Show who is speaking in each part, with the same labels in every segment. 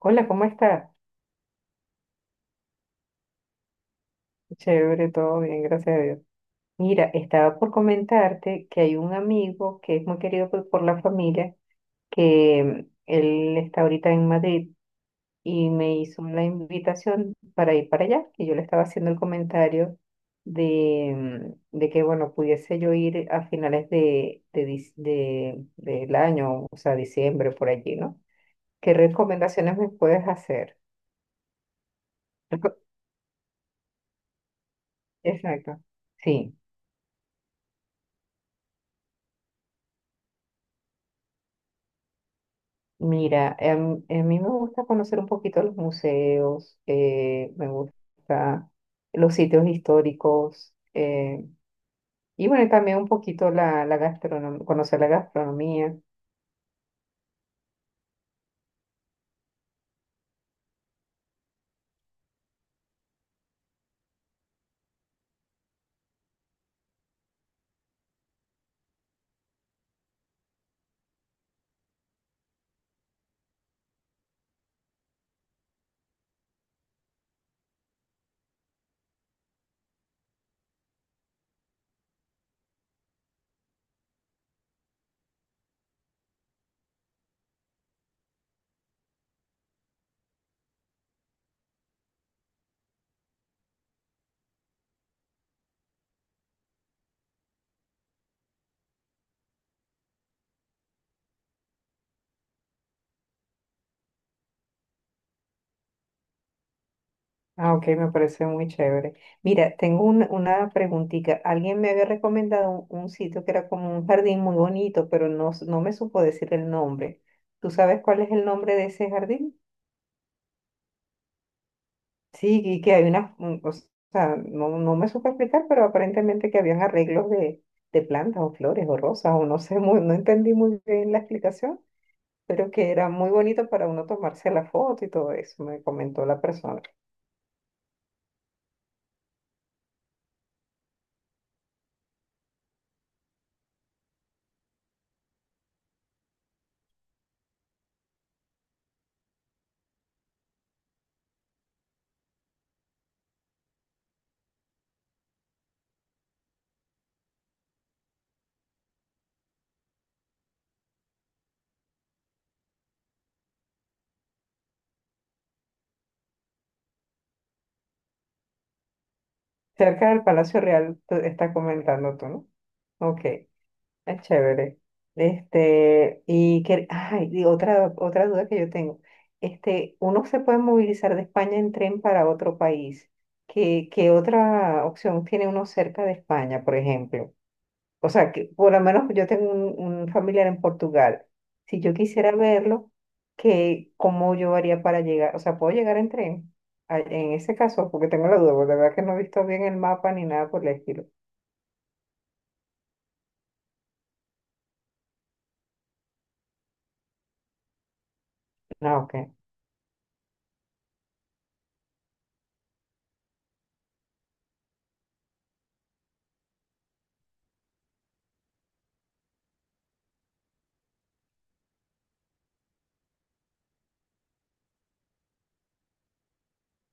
Speaker 1: Hola, ¿cómo estás? Chévere, todo bien, gracias a Dios. Mira, estaba por comentarte que hay un amigo que es muy querido por la familia, que él está ahorita en Madrid y me hizo la invitación para ir para allá, y yo le estaba haciendo el comentario de, de que, bueno, pudiese yo ir a finales del año, o sea, diciembre, por allí, ¿no? ¿Qué recomendaciones me puedes hacer? Exacto, sí. Mira, a mí me gusta conocer un poquito los museos, me gusta los sitios históricos, y bueno, también un poquito la gastronomía, conocer la gastronomía. Ah, ok, me parece muy chévere. Mira, tengo una preguntita. Alguien me había recomendado un sitio que era como un jardín muy bonito, pero no, no me supo decir el nombre. ¿Tú sabes cuál es el nombre de ese jardín? Sí, y que hay o sea, no me supe explicar, pero aparentemente que habían arreglos de plantas o flores o rosas, o no sé, muy, no entendí muy bien la explicación, pero que era muy bonito para uno tomarse la foto y todo eso, me comentó la persona. Cerca del Palacio Real está comentando tú, ¿no? Ok. Es chévere. Este, y que, ay, y otra duda que yo tengo. Este, uno se puede movilizar de España en tren para otro país. ¿Qué otra opción tiene uno cerca de España, por ejemplo? O sea, que por lo menos yo tengo un familiar en Portugal. Si yo quisiera verlo, ¿cómo yo haría para llegar? O sea, ¿puedo llegar en tren? Ah, en ese caso, porque tengo la duda, porque la verdad que no he visto bien el mapa ni nada por el estilo. Ah, ok,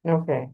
Speaker 1: ok.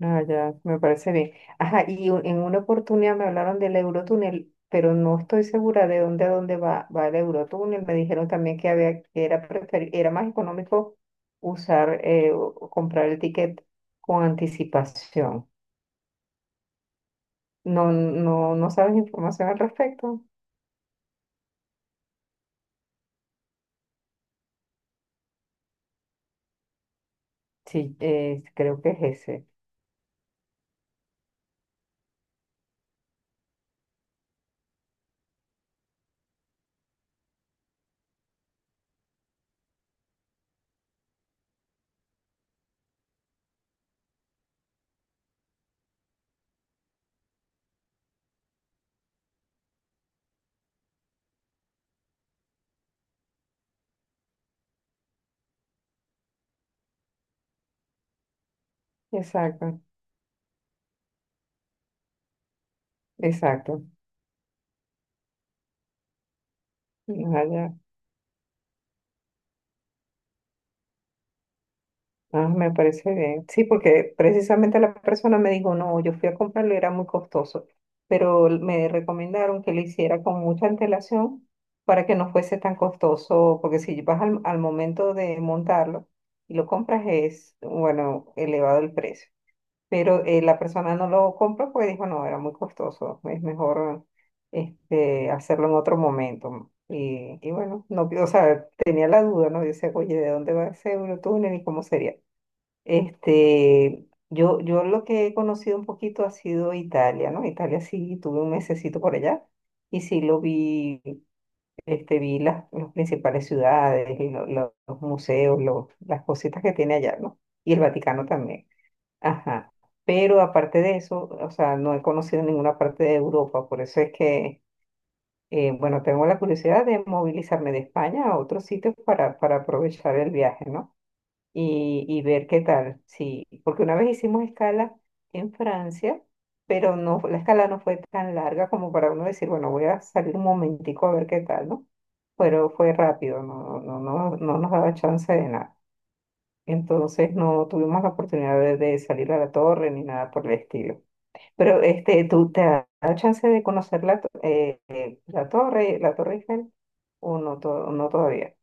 Speaker 1: Ah, ya, me parece bien. Ajá, y en una oportunidad me hablaron del Eurotúnel, pero no estoy segura de dónde a dónde va el Eurotúnel. Me dijeron también que había, que era era más económico usar, o comprar el ticket con anticipación. No sabes información al respecto. Sí, creo que es ese. Exacto, exacto. Ah, ya. Ah, me parece bien. Sí, porque precisamente la persona me dijo, no, yo fui a comprarlo y era muy costoso, pero me recomendaron que lo hiciera con mucha antelación para que no fuese tan costoso, porque si vas al momento de montarlo y lo compras es, bueno, elevado el precio. Pero la persona no lo compró porque dijo, no, era muy costoso, es mejor este, hacerlo en otro momento. Y bueno, no, o sea, tenía la duda, ¿no? Yo decía, oye, ¿de dónde va ese Eurotúnel y cómo sería? Este, yo lo que he conocido un poquito ha sido Italia, ¿no? Italia sí, tuve un mesecito por allá y sí lo vi, este, vi las principales ciudades, y los museos, las cositas que tiene allá, ¿no? Y el Vaticano también. Ajá. Pero aparte de eso, o sea, no he conocido ninguna parte de Europa, por eso es que, bueno, tengo la curiosidad de movilizarme de España a otros sitios para aprovechar el viaje, ¿no? Y, y ver qué tal. Sí, porque una vez hicimos escala en Francia, pero no, la escala no fue tan larga como para uno decir, bueno, voy a salir un momentico a ver qué tal, ¿no? Pero fue rápido, no, no, no, no nos daba chance de nada. Entonces no tuvimos la oportunidad de salir a la torre ni nada por el estilo. Pero este, ¿tú te has dado chance de conocer la Torre Eiffel o no, no todavía?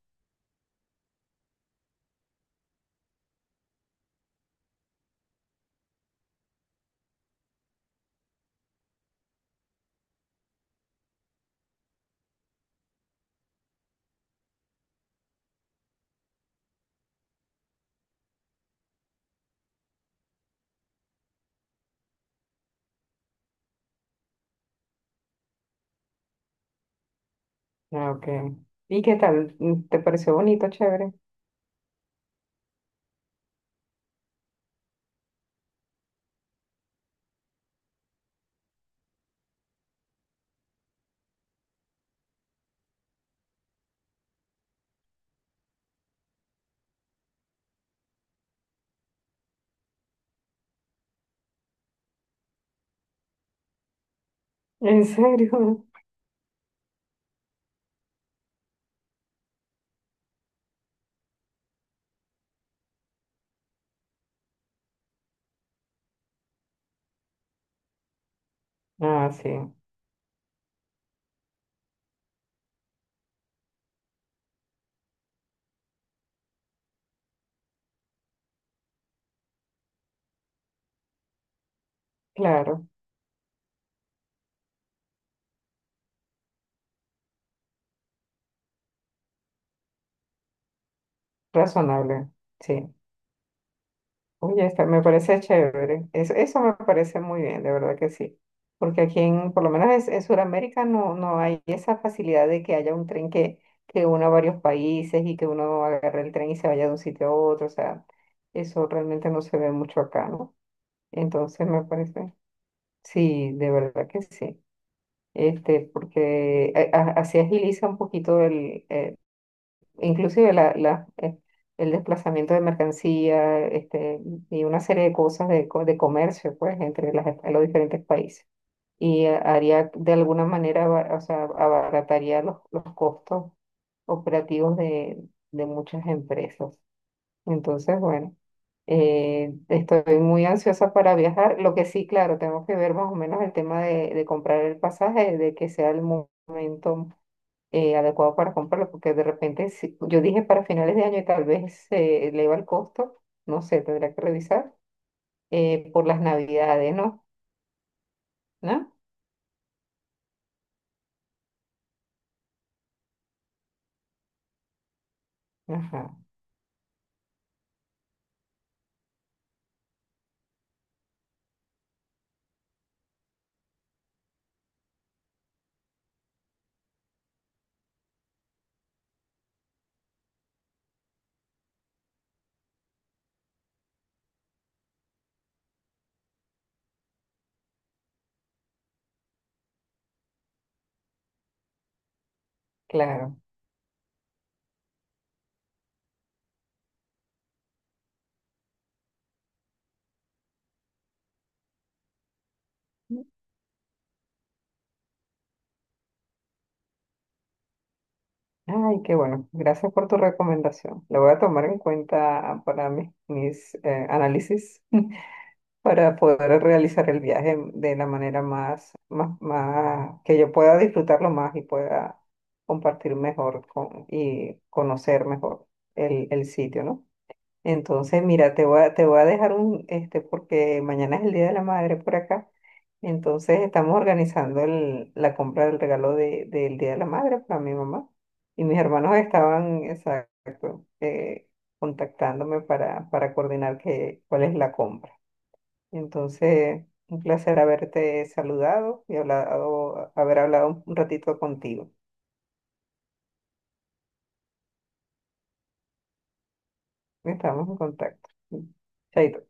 Speaker 1: Ah, okay. ¿Y qué tal? ¿Te pareció bonito, chévere? ¿En serio? Ah, sí, claro, razonable, sí. Oye, está, me parece chévere. Eso me parece muy bien, de verdad que sí. Porque aquí, en, por lo menos en Sudamérica, no hay esa facilidad de que haya un tren que una a varios países y que uno agarre el tren y se vaya de un sitio a otro. O sea, eso realmente no se ve mucho acá, ¿no? Entonces me parece, sí, de verdad que sí. Este, porque así agiliza un poquito el inclusive el desplazamiento de mercancía, este, y una serie de cosas de, de comercio, pues, entre las, los diferentes países. Y haría de alguna manera, o sea, abarataría los costos operativos de muchas empresas. Entonces, bueno, estoy muy ansiosa para viajar. Lo que sí, claro, tengo que ver más o menos el tema de comprar el pasaje, de que sea el momento adecuado para comprarlo, porque de repente, si, yo dije para finales de año y tal vez se eleva el costo, no sé, tendría que revisar, por las navidades, ¿no? ¿No? Ajá, claro. Ay, qué bueno. Gracias por tu recomendación. La voy a tomar en cuenta para mis análisis para poder realizar el viaje de la manera más, que yo pueda disfrutarlo más y pueda compartir mejor con, y conocer mejor el sitio, ¿no? Entonces, mira, te voy a dejar un, este, porque mañana es el Día de la Madre por acá. Entonces, estamos organizando la compra del regalo de, del Día de la Madre para mi mamá. Y mis hermanos estaban, exacto, contactándome para coordinar que, cuál es la compra. Entonces, un placer haberte saludado y hablado, haber hablado un ratito contigo. Estamos en contacto. Chaito.